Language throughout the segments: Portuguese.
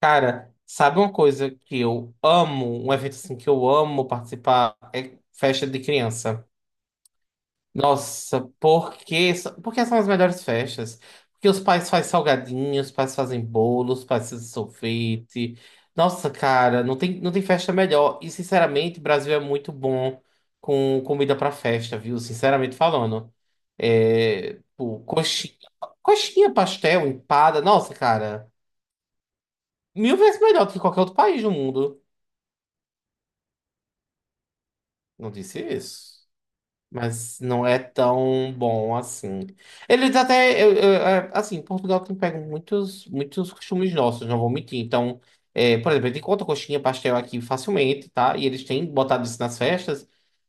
Cara, sabe uma coisa que eu amo, um evento assim que eu amo participar é festa de criança. Nossa, porque são as melhores festas. Porque os pais fazem salgadinhos, os pais fazem bolos, os pais fazem sorvete. Nossa, cara, não tem festa melhor. E, sinceramente, o Brasil é muito bom com comida pra festa, viu? Sinceramente falando. É, pô, coxinha, pastel, empada. Nossa, cara, mil vezes melhor do que qualquer outro país do mundo. Não disse isso. Mas não é tão bom assim. Eles até. Assim, Portugal tem pego muitos, muitos costumes nossos, não vou mentir. Então, por exemplo, a gente encontra coxinha, pastel aqui facilmente, tá? E eles têm botado isso nas festas.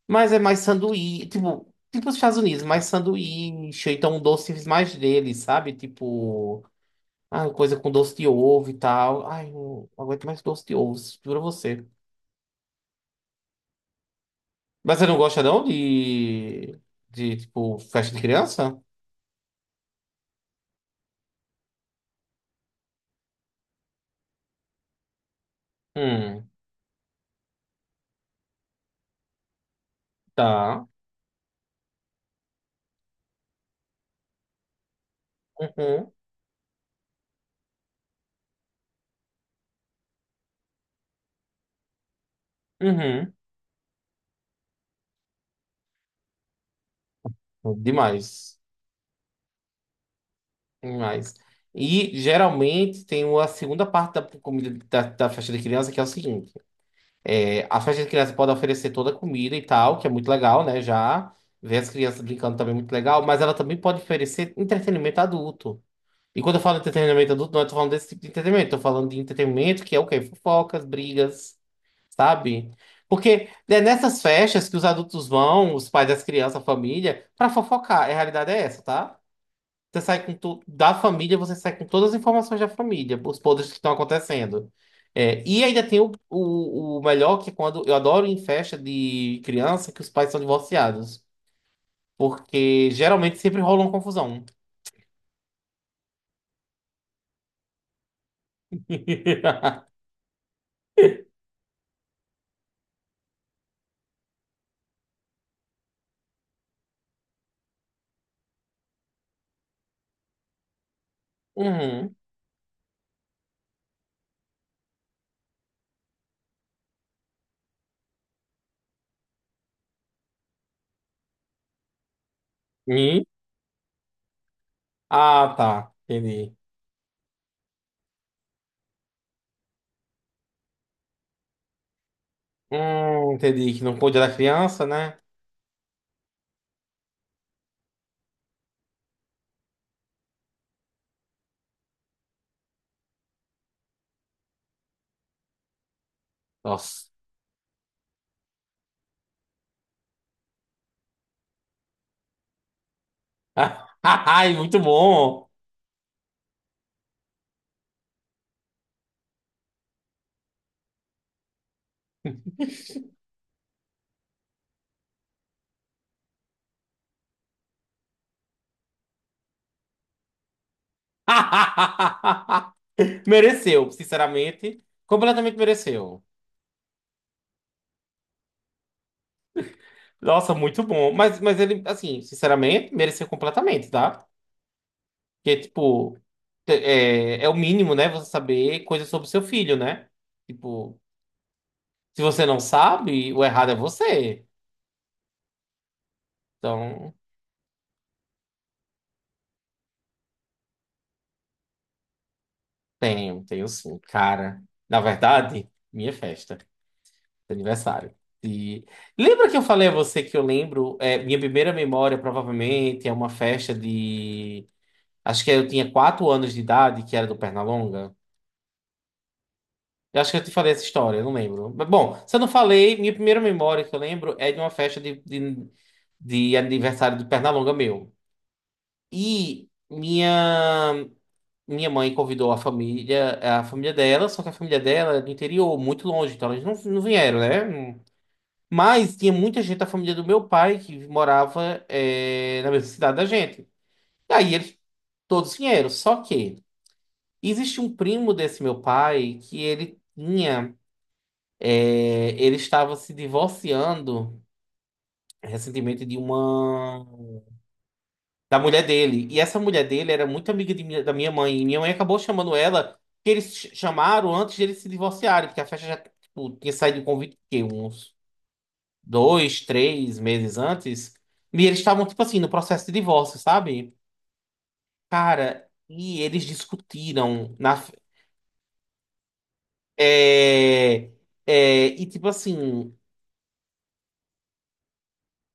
Mas é mais sanduíche. Tipo, os Estados Unidos, mais sanduíche. Ou então, doces mais deles, sabe? Tipo. Ah, coisa com doce de ovo e tal. Ai, não aguento mais doce de ovo, juro a você. Mas você não gosta não de, de tipo, festa de criança? Hum, tá. Uhum, uhum. Demais. Demais. E geralmente tem uma segunda parte da comida da festa de criança que é o seguinte: a festa de criança pode oferecer toda a comida e tal, que é muito legal, né? Já ver as crianças brincando também é muito legal, mas ela também pode oferecer entretenimento adulto. E quando eu falo entretenimento adulto, não estou falando desse tipo de entretenimento, estou falando de entretenimento que é o quê? Fofocas, brigas, sabe? Porque é nessas festas que os adultos vão, os pais das crianças, a família, pra fofocar. A realidade é essa, tá? Você sai com da família, você sai com todas as informações da família, os podres que estão acontecendo. É, e ainda tem o melhor, que é quando eu adoro ir em festa de criança que os pais são divorciados. Porque geralmente sempre rola uma confusão. Uhum. E? Ah, tá. Entendi. Entendi que não pôde dar criança, né? Nossa. Ai, muito bom. Mereceu, sinceramente. Completamente mereceu. Nossa, muito bom. Mas, ele, assim, sinceramente, mereceu completamente, tá? Porque, tipo, é o mínimo, né? Você saber coisas sobre seu filho, né? Tipo, se você não sabe, o errado é você. Então, tenho sim, cara. Na verdade, minha festa. Aniversário. E lembra que eu falei a você que eu lembro, minha primeira memória provavelmente é uma festa de, acho que eu tinha quatro anos de idade, que era do Pernalonga. Eu acho que eu te falei essa história, eu não lembro. Mas, bom, se eu não falei, minha primeira memória que eu lembro é de uma festa de, de aniversário do Pernalonga meu. E minha mãe convidou a família dela, só que a família dela é do interior, muito longe, então eles não vieram, né? Mas tinha muita gente da família do meu pai que morava na mesma cidade da gente. E aí eles todos vieram. Só que existe um primo desse meu pai que ele tinha. Ele estava se divorciando recentemente de uma. Da mulher dele. E essa mulher dele era muito amiga de da minha mãe. E minha mãe acabou chamando ela, que eles chamaram antes de eles se divorciarem, porque a festa já tipo, tinha saído o convite, que uns. Dois, três meses antes, e eles estavam, tipo assim, no processo de divórcio, sabe? Cara, e eles discutiram na. É, é, e tipo assim,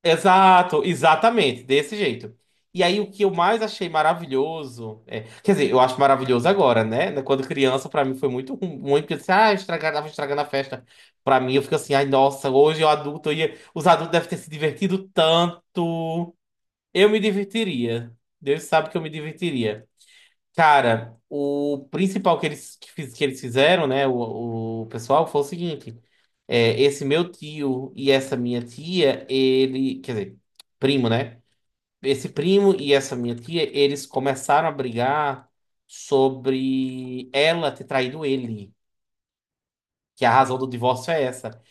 exato, exatamente, desse jeito. E aí o que eu mais achei maravilhoso, quer dizer, eu acho maravilhoso agora, né? Né, quando criança, pra mim foi muito ruim, muito, porque eu disse, ah, tava estragando a festa. Pra mim, eu fico assim, ai, nossa, hoje eu adulto, eu ia, os adultos devem ter se divertido tanto. Eu me divertiria. Deus sabe que eu me divertiria. Cara, o principal que eles fizeram, né? O pessoal foi o seguinte: esse meu tio e essa minha tia, ele. Quer dizer, primo, né? Esse primo e essa minha tia, eles começaram a brigar sobre ela ter traído ele. Que a razão do divórcio é essa.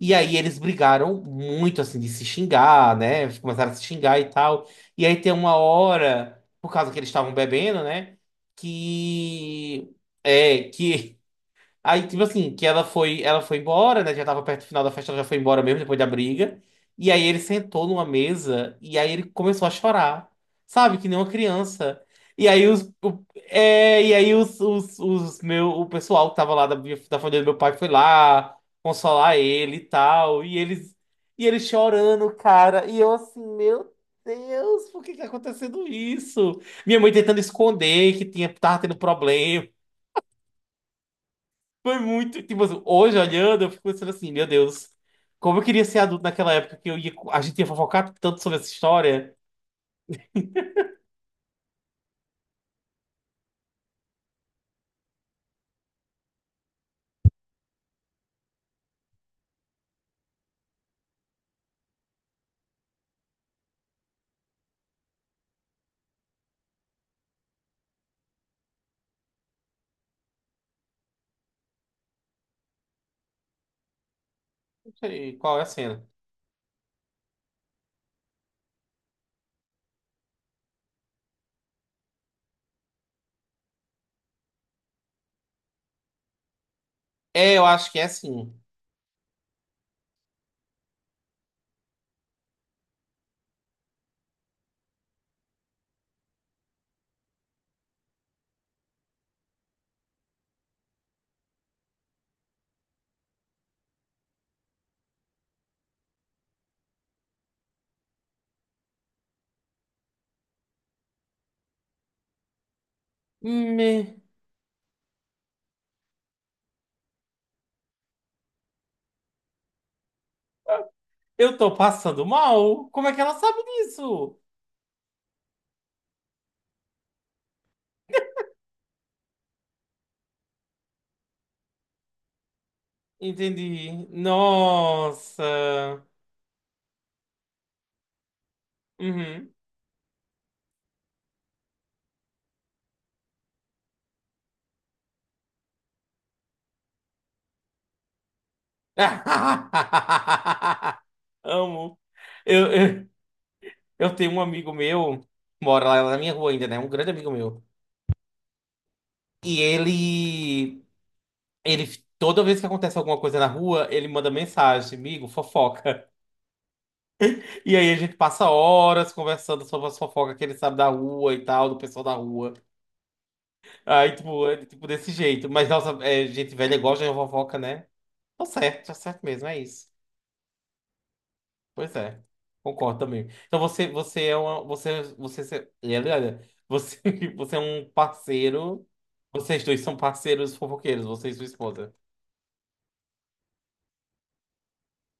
E aí eles brigaram muito, assim, de se xingar, né? Eles Começaram a se xingar e tal. E aí tem uma hora, por causa que eles estavam bebendo, né? Que. É, que Aí, tipo assim, que ela foi embora, né? Já tava perto do final da festa, ela já foi embora mesmo depois da briga. E aí ele sentou numa mesa e aí ele começou a chorar, sabe? Que nem uma criança. E aí e aí o pessoal que tava lá da família do meu pai foi lá consolar ele e tal. E ele chorando, cara. E eu assim, meu Deus, por que que tá acontecendo isso? Minha mãe tentando esconder que tava tendo problema. Foi muito. Tipo, assim, hoje olhando, eu fico pensando assim, meu Deus, como eu queria ser adulto naquela época que eu ia, a gente ia fofocar tanto sobre essa história. Não sei qual é a cena. É, eu acho que é assim. Me- Eu tô passando mal? Como é que ela sabe disso? Entendi. Nossa. Uhum. Amo. Eu, eu, eu tenho um amigo meu, mora lá na minha rua ainda, né? Um grande amigo meu. E ele. Ele, toda vez que acontece alguma coisa na rua, ele manda mensagem, amigo, fofoca. E aí a gente passa horas conversando sobre as fofocas que ele sabe da rua e tal, do pessoal da rua. Aí, tipo, tipo desse jeito. Mas, nossa, gente velha gosta de fofoca, né? Tá certo mesmo, é isso. Pois é, concordo também. Então você, você é uma, você, você, você, você, você é um parceiro, vocês dois são parceiros fofoqueiros, você e sua esposa.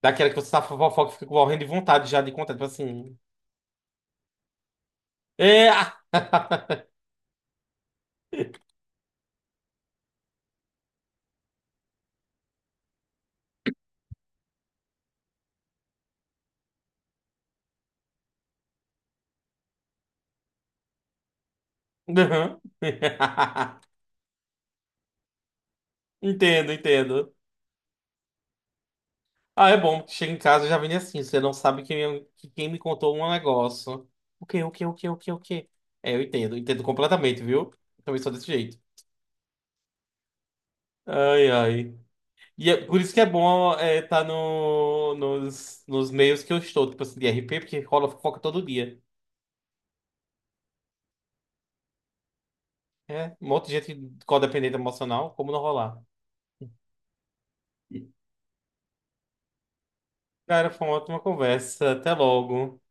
Daquela que você tá fofoca e fica morrendo de vontade já de contar, tipo assim... É. Aham. Entendo, entendo. Ah, é bom. Chega em casa e já vem assim. Você não sabe quem, quem me contou um negócio. O quê, o quê, o quê, o quê, o quê? É, eu entendo. Entendo completamente, viu? Também sou desse jeito. Ai, ai. E é por isso que é bom estar tá no, nos, nos meios que eu estou, tipo assim, de RP, porque rola fofoca todo dia. É, um monte de gente codependente emocional, como não rolar? Cara, foi uma ótima conversa. Até logo.